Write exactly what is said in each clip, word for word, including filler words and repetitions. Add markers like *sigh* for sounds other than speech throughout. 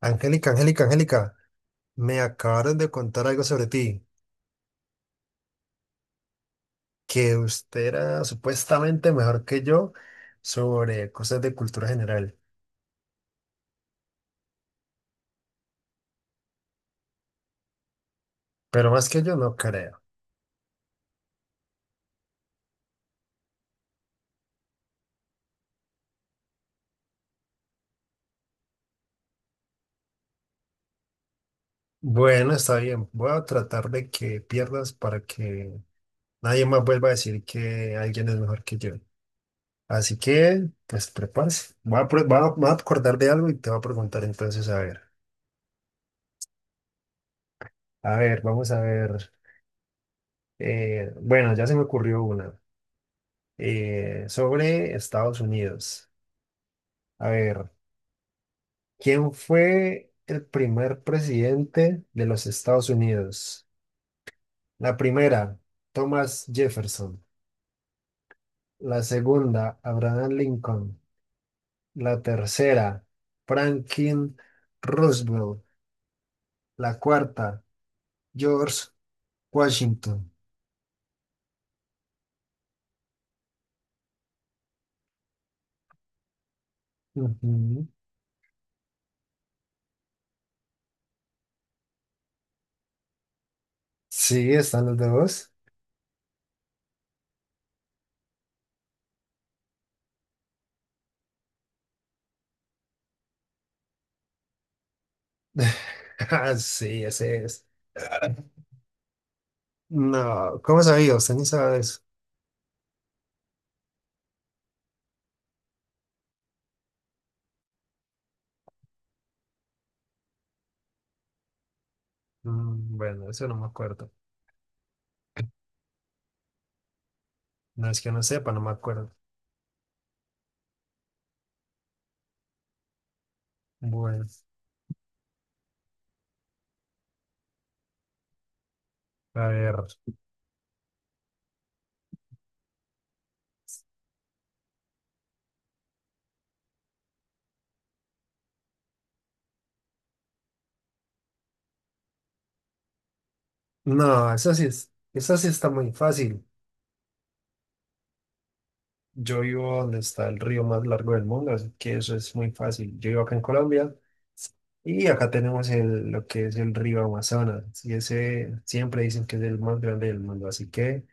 Angélica, Angélica, Angélica, me acabaron de contar algo sobre ti, que usted era supuestamente mejor que yo sobre cosas de cultura general, pero más que yo no creo. Bueno, está bien, voy a tratar de que pierdas para que nadie más vuelva a decir que alguien es mejor que yo. Así que, pues prepárese. Voy a, pre- voy a- me voy a acordar de algo y te voy a preguntar entonces, a ver, a ver, vamos a ver. Eh, bueno, ya se me ocurrió una eh, sobre Estados Unidos. A ver, ¿quién fue el primer presidente de los Estados Unidos? La primera, Thomas Jefferson. La segunda, Abraham Lincoln. La tercera, Franklin Roosevelt. La cuarta, George Washington. Ujú. Sí, están los dos. *laughs* Ah, sí, ese es. No, ¿cómo sabía? Usted ni sabe eso. Mm, bueno, eso no me acuerdo. No es que no sepa, no me acuerdo. Bueno. A ver, no, esa sí es, esa sí está muy fácil. Yo vivo donde está el río más largo del mundo, así que eso es muy fácil. Yo vivo acá en Colombia y acá tenemos el, lo que es el río Amazonas, y ese siempre dicen que es el más grande del mundo, así que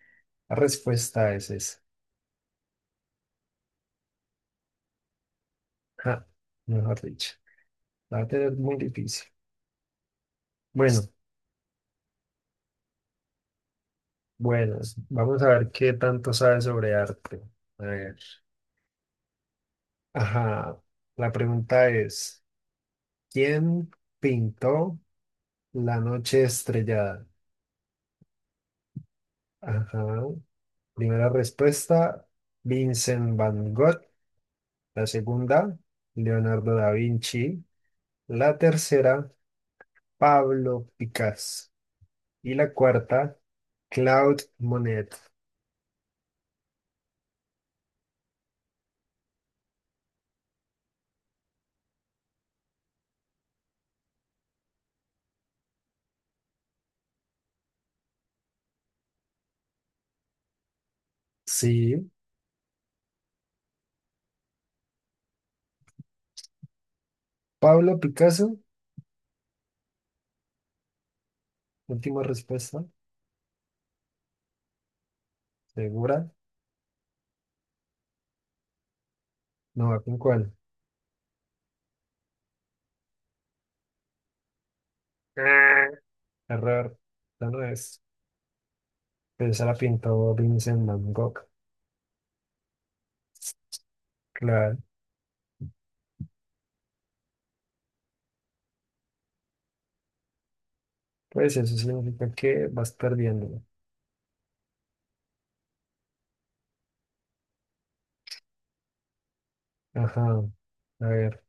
la respuesta es esa. Ja, mejor dicho, la verdad es muy difícil. Bueno, bueno, vamos a ver qué tanto sabes sobre arte. A ver, ajá, la pregunta es, ¿quién pintó? La noche estrellada. Ajá. Primera respuesta, Vincent Van Gogh. La segunda, Leonardo da Vinci. La tercera, Pablo Picasso. Y la cuarta, Claude Monet. Sí, Pablo Picasso. Última respuesta, segura. No va con cuál. Ah. Error. Esta no es. Pero esa la pintó Vincent Van Gogh. Claro. Pues eso significa que vas perdiendo. Ajá. A ver.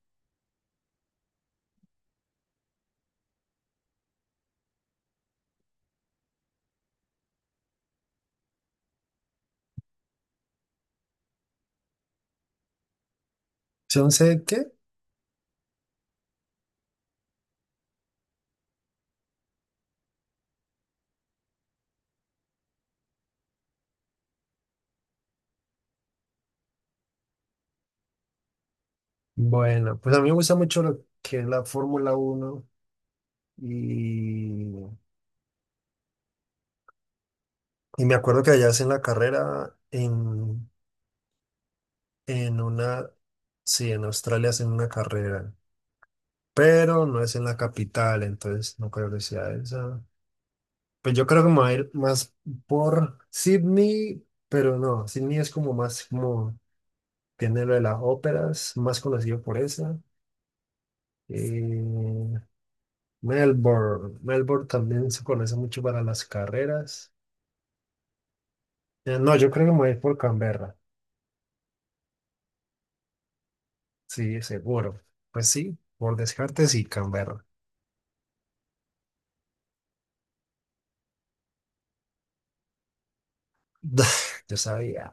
¿Son set qué? Bueno, pues a mí me gusta mucho lo que es la Fórmula uno y, y me acuerdo que allá hacen la carrera en, en una, sí, en Australia hacen una carrera, pero no es en la capital, entonces no creo que sea esa. Pues yo creo que me voy a ir más por Sydney, pero no, Sydney es como más como tiene lo de las óperas, más conocido por esa. Eh, Melbourne. Melbourne también se conoce mucho para las carreras. Eh, No, yo creo que me voy a ir por Canberra. Sí, seguro. Pues sí, por descarte sí, Canberra. *laughs* Yo sabía,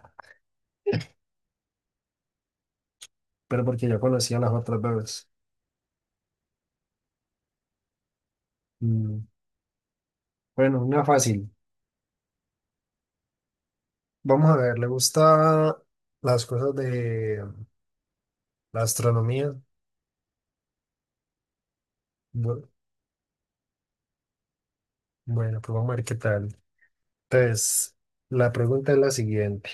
pero porque yo conocía las otras dos. Mm, bueno, una fácil. Vamos a ver, ¿le gusta las cosas de la astronomía? Bu- Bueno, pues vamos a ver qué tal. Entonces, la pregunta es la siguiente.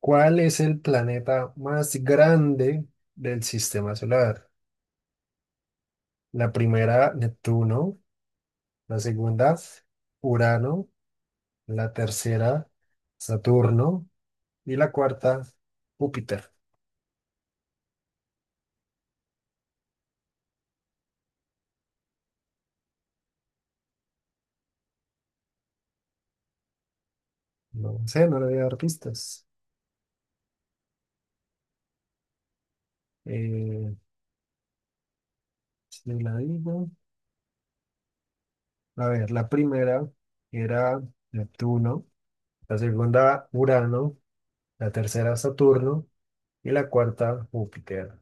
¿Cuál es el planeta más grande del sistema solar? La primera, Neptuno. La segunda, Urano. La tercera, Saturno. Y la cuarta, Júpiter. No sé, no le voy a dar pistas. Eh, si la digo. A ver, la primera era Neptuno. La segunda, Urano. La tercera, Saturno. Y la cuarta, Júpiter.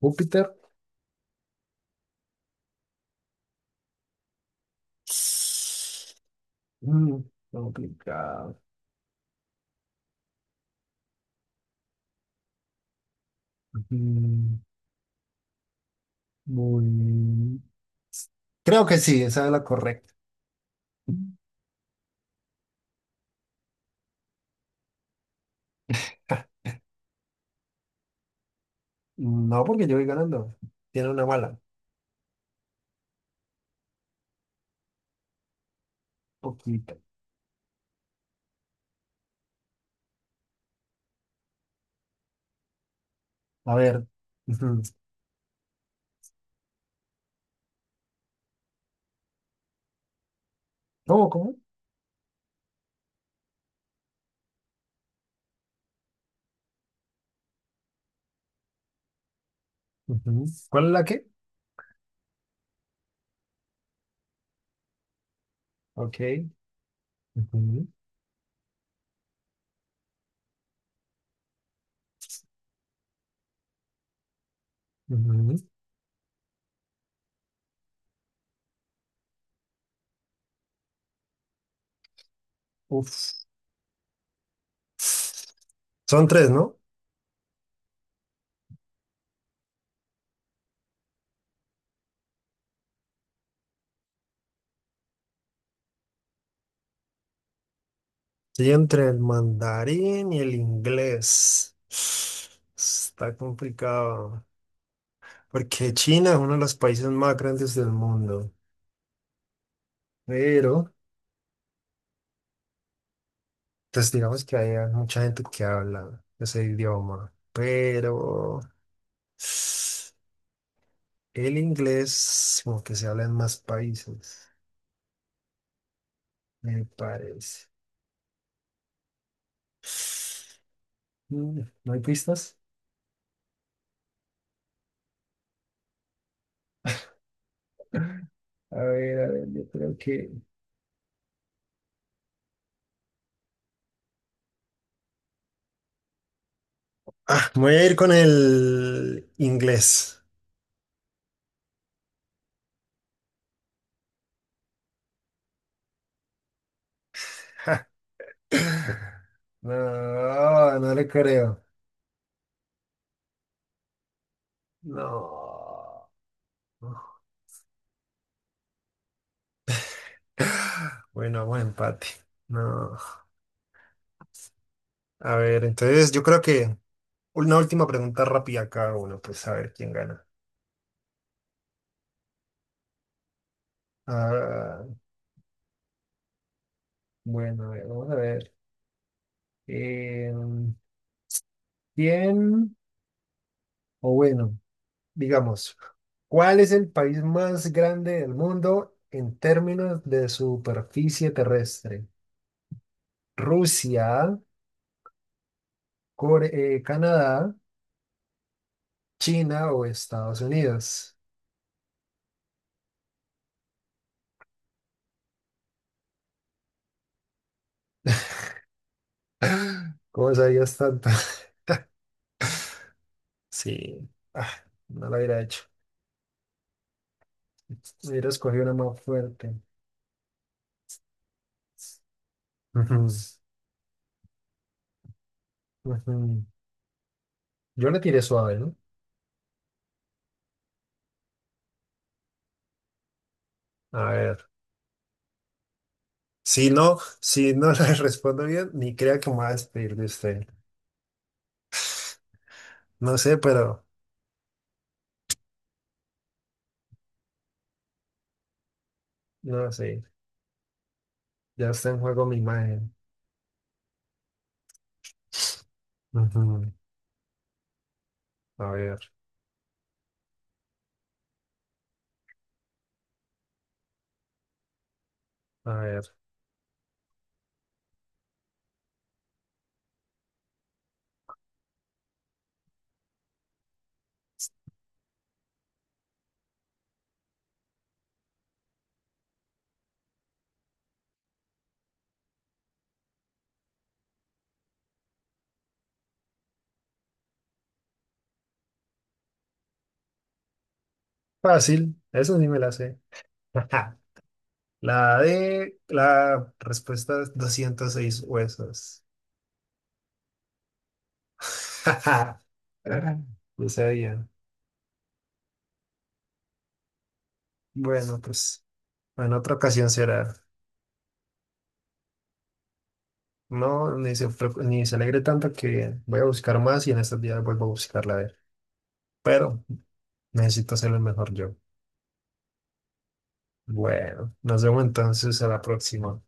Júpiter. *sniffs* Mm, complicado. Mm, muy... Creo que sí, esa es la correcta. Mm, no, porque yo voy ganando. Tiene una bala. Poquita. A ver. Ujú. ¿Cómo, cómo? Ujú. ¿Cuál es la qué? Ok. Ujú, ujú. Uf. Son tres, ¿no? Sí, entre el mandarín y el inglés. Está complicado. Porque China es uno de los países más grandes del mundo. Pero, pues digamos que hay mucha gente que habla ese idioma. Pero... El inglés, como que se habla en más países, me parece. Mm, ¿no hay pistas? A ver, a ver, yo creo que... Ah, me voy a ir con el inglés. Ja. No, no le creo. No. Bueno, buen empate. No. A ver, entonces yo creo que una última pregunta rápida a cada uno, pues a ver quién gana. Ah, bueno, a ver, vamos a ver. Em, Bien, o bueno, digamos, ¿cuál es el país más grande del mundo en términos de superficie terrestre? ¿Rusia, Core- eh, Canadá, China o Estados Unidos? *laughs* ¿Cómo sabías tanto? *laughs* Sí, ah, no lo hubiera hecho. Hubiera escogido una más fuerte. Ujú, ujú. Yo le tiré suave, ¿no? A ver. Si no, si no, *laughs* le respondo bien, ni crea que me va a despedir de usted. No sé, pero no sé. Ya está en juego mi imagen. Ujú. A ver, a ver. Fácil, eso sí me la sé. *laughs* La de la respuesta es doscientos seis huesos. *laughs* No sabía. Bueno, pues en otra ocasión será. No, ni se, preocu- ni se alegre tanto que voy a buscar más y en estos días vuelvo a buscarla a ver. Pero necesito hacerlo mejor yo. Bueno, nos vemos entonces a la próxima.